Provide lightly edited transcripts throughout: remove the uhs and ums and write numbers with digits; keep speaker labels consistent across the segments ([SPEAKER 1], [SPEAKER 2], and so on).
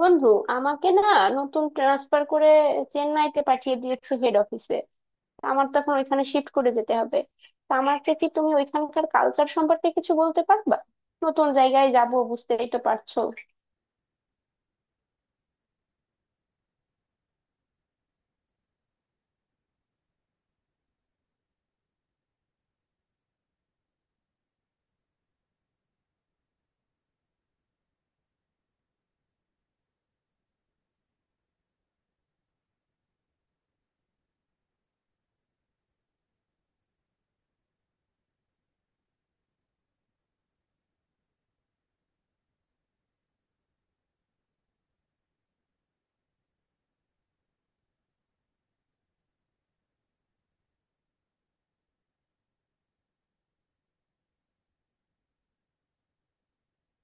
[SPEAKER 1] বন্ধু আমাকে না নতুন ট্রান্সফার করে চেন্নাইতে পাঠিয়ে দিয়েছো হেড অফিসে। আমার তো এখন ওইখানে শিফট করে যেতে হবে। তা আমাকে কি তুমি ওইখানকার কালচার সম্পর্কে কিছু বলতে পারবা? নতুন জায়গায় যাব বুঝতেই তো পারছো।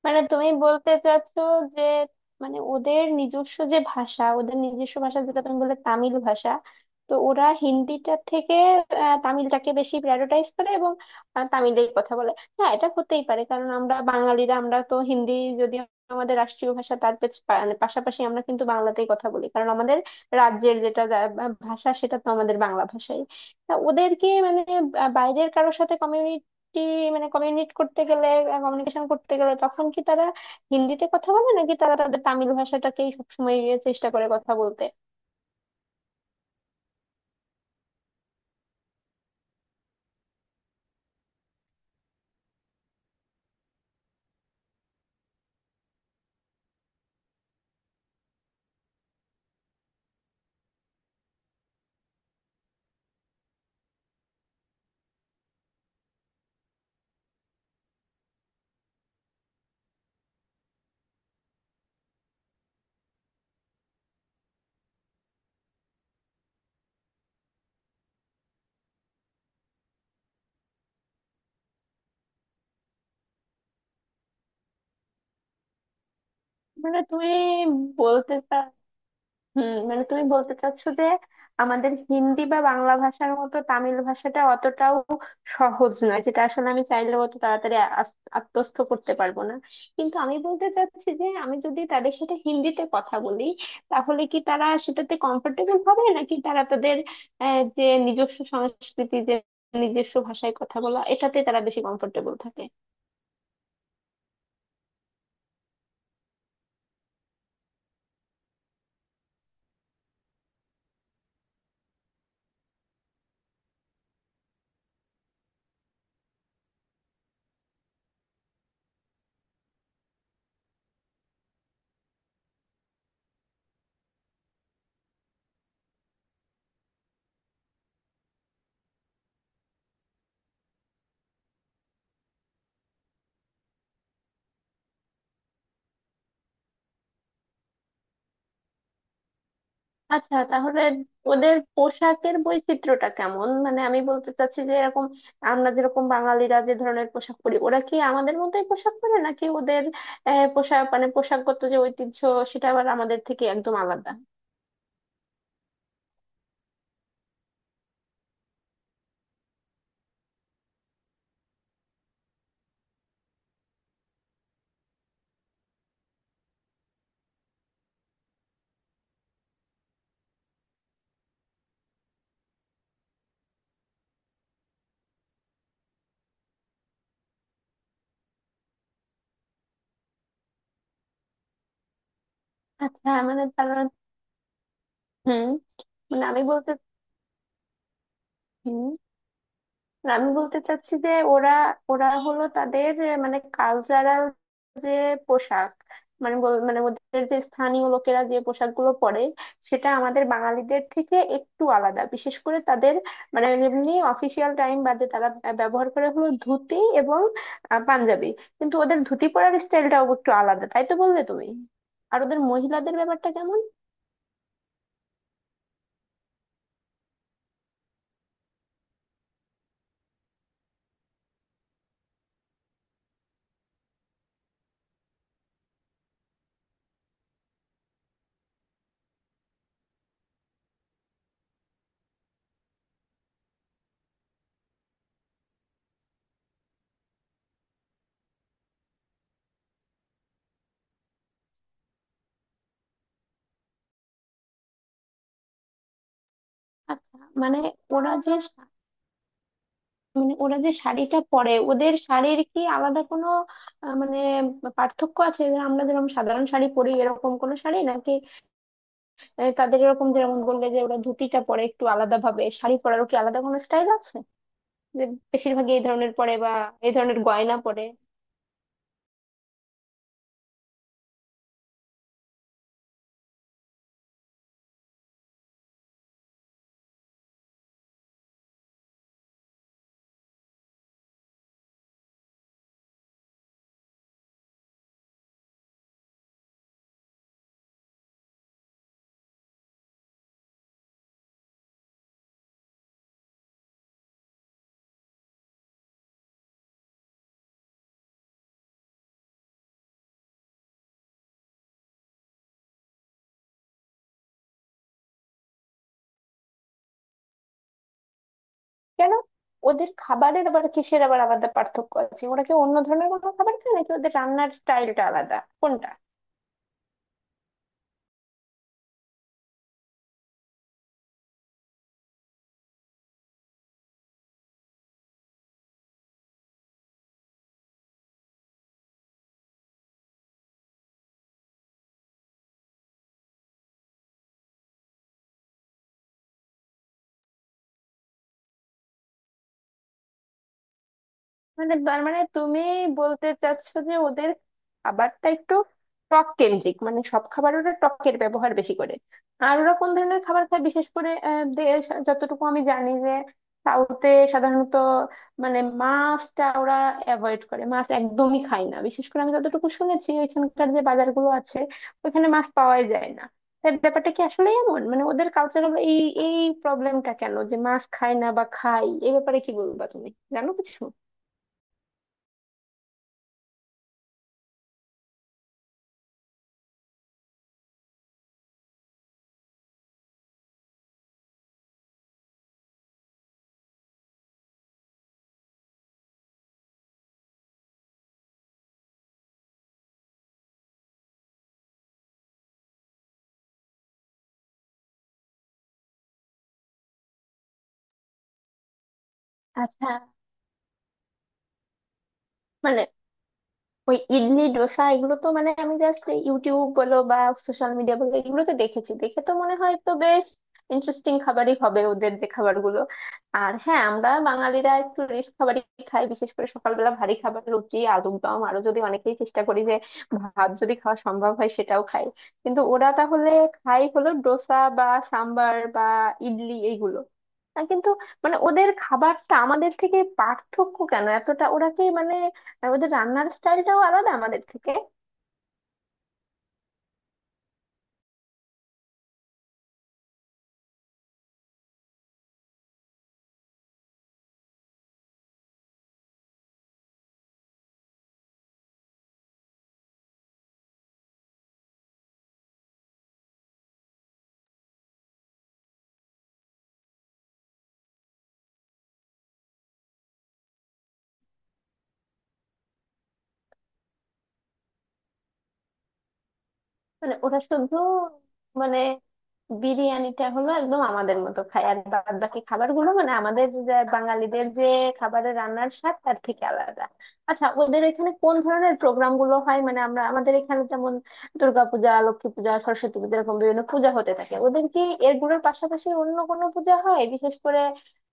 [SPEAKER 1] মানে তুমি বলতে চাচ্ছো যে মানে ওদের নিজস্ব যে ভাষা ওদের নিজস্ব ভাষা যেটা তুমি বললে তামিল ভাষা। তো ওরা হিন্দিটার থেকে তামিলটাকে বেশি প্রায়োরিটাইজ করে এবং তামিলেই কথা বলে। হ্যাঁ, এটা হতেই পারে কারণ আমরা বাঙালিরা আমরা তো হিন্দি যদি আমাদের রাষ্ট্রীয় ভাষা তার মানে পাশাপাশি আমরা কিন্তু বাংলাতেই কথা বলি কারণ আমাদের রাজ্যের যেটা ভাষা সেটা তো আমাদের বাংলা ভাষাই। তা ওদেরকে মানে বাইরের কারোর সাথে কি মানে কমিউনিট করতে গেলে কমিউনিকেশন করতে গেলে তখন কি তারা হিন্দিতে কথা বলে নাকি তারা তাদের তামিল ভাষাটাকেই সবসময় চেষ্টা করে কথা বলতে? মানে তুমি বলতে মানে তুমি বলতে চাচ্ছো যে আমাদের হিন্দি বা বাংলা ভাষার মতো তামিল ভাষাটা অতটাও সহজ নয় যেটা আসলে আমি চাইলেও অত তাড়াতাড়ি আত্মস্থ করতে পারবো না। কিন্তু আমি বলতে চাচ্ছি যে আমি যদি তাদের সাথে হিন্দিতে কথা বলি তাহলে কি তারা সেটাতে কমফোর্টেবল হবে নাকি তারা তাদের যে নিজস্ব সংস্কৃতি যে নিজস্ব ভাষায় কথা বলা এটাতে তারা বেশি কমফোর্টেবল থাকে? আচ্ছা, তাহলে ওদের পোশাকের বৈচিত্র্যটা কেমন? মানে আমি বলতে চাচ্ছি যে এরকম আমরা যেরকম বাঙালিরা যে ধরনের পোশাক পরি ওরা কি আমাদের মতোই পোশাক পরে নাকি ওদের পোশাক মানে পোশাকগত যে ঐতিহ্য সেটা আবার আমাদের থেকে একদম আলাদা? আচ্ছা, মানে তারা হুম মানে আমি বলতে হুম আর আমি বলতে চাচ্ছি যে ওরা ওরা হলো তাদের মানে কালচারাল যে পোশাক মানে ওদের যে স্থানীয় লোকেরা যে পোশাকগুলো পরে সেটা আমাদের বাঙালিদের থেকে একটু আলাদা। বিশেষ করে তাদের মানে এমনি অফিসিয়াল টাইম বাদে তারা ব্যবহার করে হলো ধুতি এবং পাঞ্জাবি। কিন্তু ওদের ধুতি পরার স্টাইলটাও একটু আলাদা তাই তো বললে তুমি। আর ওদের মহিলাদের ব্যাপারটা কেমন? আচ্ছা, মানে ওরা যে মানে ওরা যে শাড়িটা পরে ওদের শাড়ির কি আলাদা কোনো মানে পার্থক্য আছে যে আমরা যেরকম সাধারণ শাড়ি পরি এরকম কোনো শাড়ি নাকি তাদের এরকম যেরকম বললে যে ওরা ধুতিটা পরে একটু আলাদা ভাবে শাড়ি পরারও কি আলাদা কোনো স্টাইল আছে যে বেশিরভাগই এই ধরনের পরে বা এই ধরনের গয়না পরে? কেন, ওদের খাবারের আবার কিসের আবার আলাদা পার্থক্য আছে? ওরা কি অন্য ধরনের কোনো খাবার খায় নাকি ওদের রান্নার স্টাইলটা আলাদা কোনটা? তার মানে তুমি বলতে চাচ্ছো যে ওদের খাবারটা একটু টক কেন্দ্রিক মানে সব খাবার ওরা টকের ব্যবহার বেশি করে। আর ওরা কোন ধরনের খাবার খায় বিশেষ করে আহ, দেশ যতটুকু আমি জানি যে সাউথে সাধারণত মানে মাছটা ওরা অ্যাভয়েড করে মাছ একদমই খায় না বিশেষ করে আমি যতটুকু শুনেছি ওইখানকার যে বাজারগুলো আছে ওইখানে মাছ পাওয়াই যায় না। তাই ব্যাপারটা কি আসলে এমন মানে ওদের কালচারাল এই এই প্রবলেমটা কেন যে মাছ খায় না বা খায় এই ব্যাপারে কি বলবা তুমি, জানো কিছু? আচ্ছা, মানে ওই ইডলি ডোসা এগুলো তো মানে আমি জাস্ট ইউটিউব বলো বা সোশ্যাল মিডিয়া বলো এগুলোতে দেখেছি, দেখে তো মনে হয় তো বেশ ইন্টারেস্টিং খাবারই হবে ওদের যে খাবারগুলো। আর হ্যাঁ, আমরা বাঙালিরা একটু রিচ খাবারই খাই বিশেষ করে সকালবেলা ভারী খাবার রুটি আলুর দম, আরো যদি অনেকেই চেষ্টা করি যে ভাত যদি খাওয়া সম্ভব হয় সেটাও খাই। কিন্তু ওরা তাহলে খাই হলো ডোসা বা সাম্বার বা ইডলি এইগুলো। কিন্তু মানে ওদের খাবারটা আমাদের থেকে পার্থক্য কেন এতটা ওরা কি মানে আর ওদের রান্নার স্টাইলটাও আলাদা আমাদের থেকে। মানে ওরা শুধু মানে বিরিয়ানিটা হলো একদম আমাদের মতো খায় আর বাদ বাকি খাবার গুলো মানে আমাদের যে বাঙালিদের যে খাবারের রান্নার স্বাদ তার থেকে আলাদা। আচ্ছা, ওদের এখানে কোন ধরনের প্রোগ্রাম গুলো হয়? মানে আমরা আমাদের এখানে যেমন দুর্গাপূজা, লক্ষ্মী পূজা, সরস্বতী পূজা এরকম বিভিন্ন পূজা হতে থাকে। ওদের কি এগুলোর পাশাপাশি অন্য কোনো পূজা হয় বিশেষ করে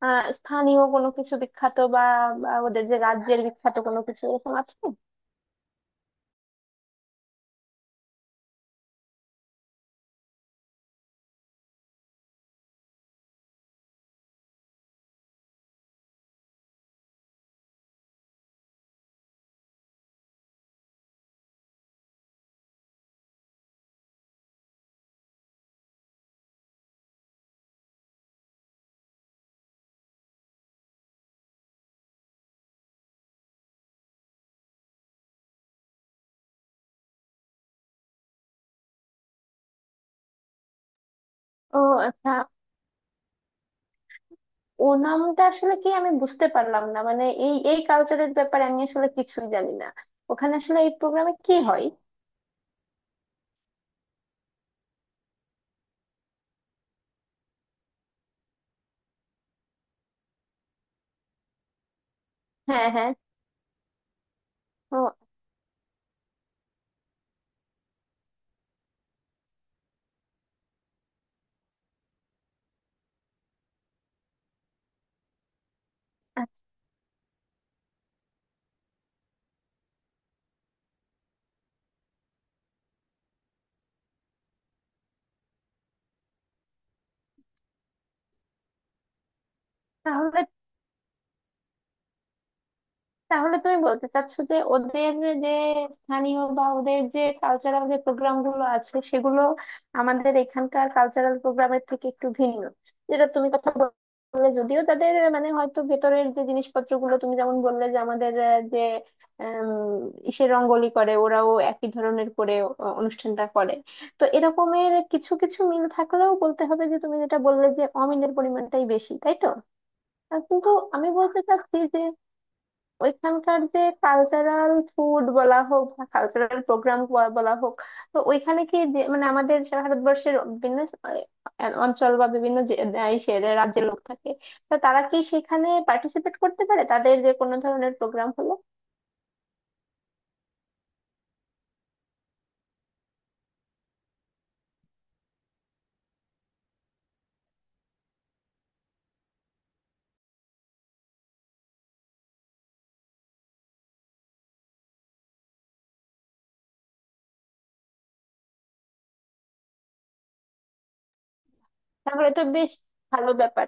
[SPEAKER 1] স্থানীয় কোনো কিছু বিখ্যাত বা বা ওদের যে রাজ্যের বিখ্যাত কোনো কিছু এরকম আছে? ও আচ্ছা। ওনামটা আসলে কি আমি বুঝতে পারলাম না, মানে এই এই কালচারের ব্যাপারে আমি আসলে কিছুই জানি না, ওখানে আসলে এই প্রোগ্রামে কি হয়? হ্যাঁ, হ্যাঁ। ও আচ্ছা, তাহলে তাহলে তুমি বলতে চাচ্ছো যে ওদের যে স্থানীয় বা ওদের যে কালচারাল যে প্রোগ্রাম গুলো আছে সেগুলো আমাদের এখানকার কালচারাল প্রোগ্রামের থেকে একটু ভিন্ন যেটা তুমি কথা বললে, যদিও তাদের মানে হয়তো ভেতরের যে জিনিসপত্র গুলো তুমি যেমন বললে যে আমাদের যে আম, ইসে রঙ্গোলি করে ওরাও একই ধরনের করে অনুষ্ঠানটা করে। তো এরকমের কিছু কিছু মিল থাকলেও বলতে হবে যে তুমি যেটা বললে যে অমিলের পরিমাণটাই বেশি তাই তো? কিন্তু আমি বলতে চাচ্ছি যে ওইখানকার যে কালচারাল ফুড বলা হোক বা কালচারাল প্রোগ্রাম বলা হোক তো ওইখানে কি মানে আমাদের সে ভারতবর্ষের বিভিন্ন অঞ্চল বা বিভিন্ন দেশের রাজ্যের লোক থাকে তো তারা কি সেখানে পার্টিসিপেট করতে পারে তাদের যে কোনো ধরনের প্রোগ্রাম হলো? তাহলে তো বেশ ভালো ব্যাপার।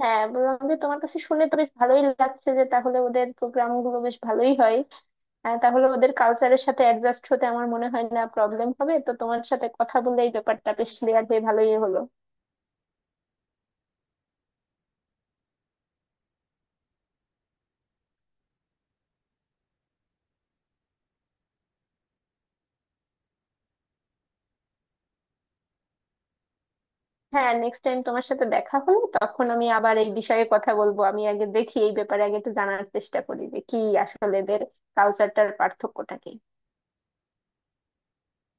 [SPEAKER 1] হ্যাঁ, বললাম যে তোমার কাছে শুনে তো বেশ ভালোই লাগছে যে তাহলে ওদের প্রোগ্রাম গুলো বেশ ভালোই হয়। তাহলে ওদের কালচারের সাথে অ্যাডজাস্ট হতে আমার মনে হয় না প্রবলেম হবে, তো তোমার সাথে কথা বলে এই ব্যাপারটা বেশ ক্লিয়ার হয়ে ভালোই হলো। হ্যাঁ, নেক্সট টাইম তোমার সাথে দেখা হলে তখন আমি আবার এই বিষয়ে কথা বলবো, আমি আগে দেখি এই ব্যাপারে আগে একটু জানার চেষ্টা করি যে কি আসলে এদের কালচারটার পার্থক্যটা কি।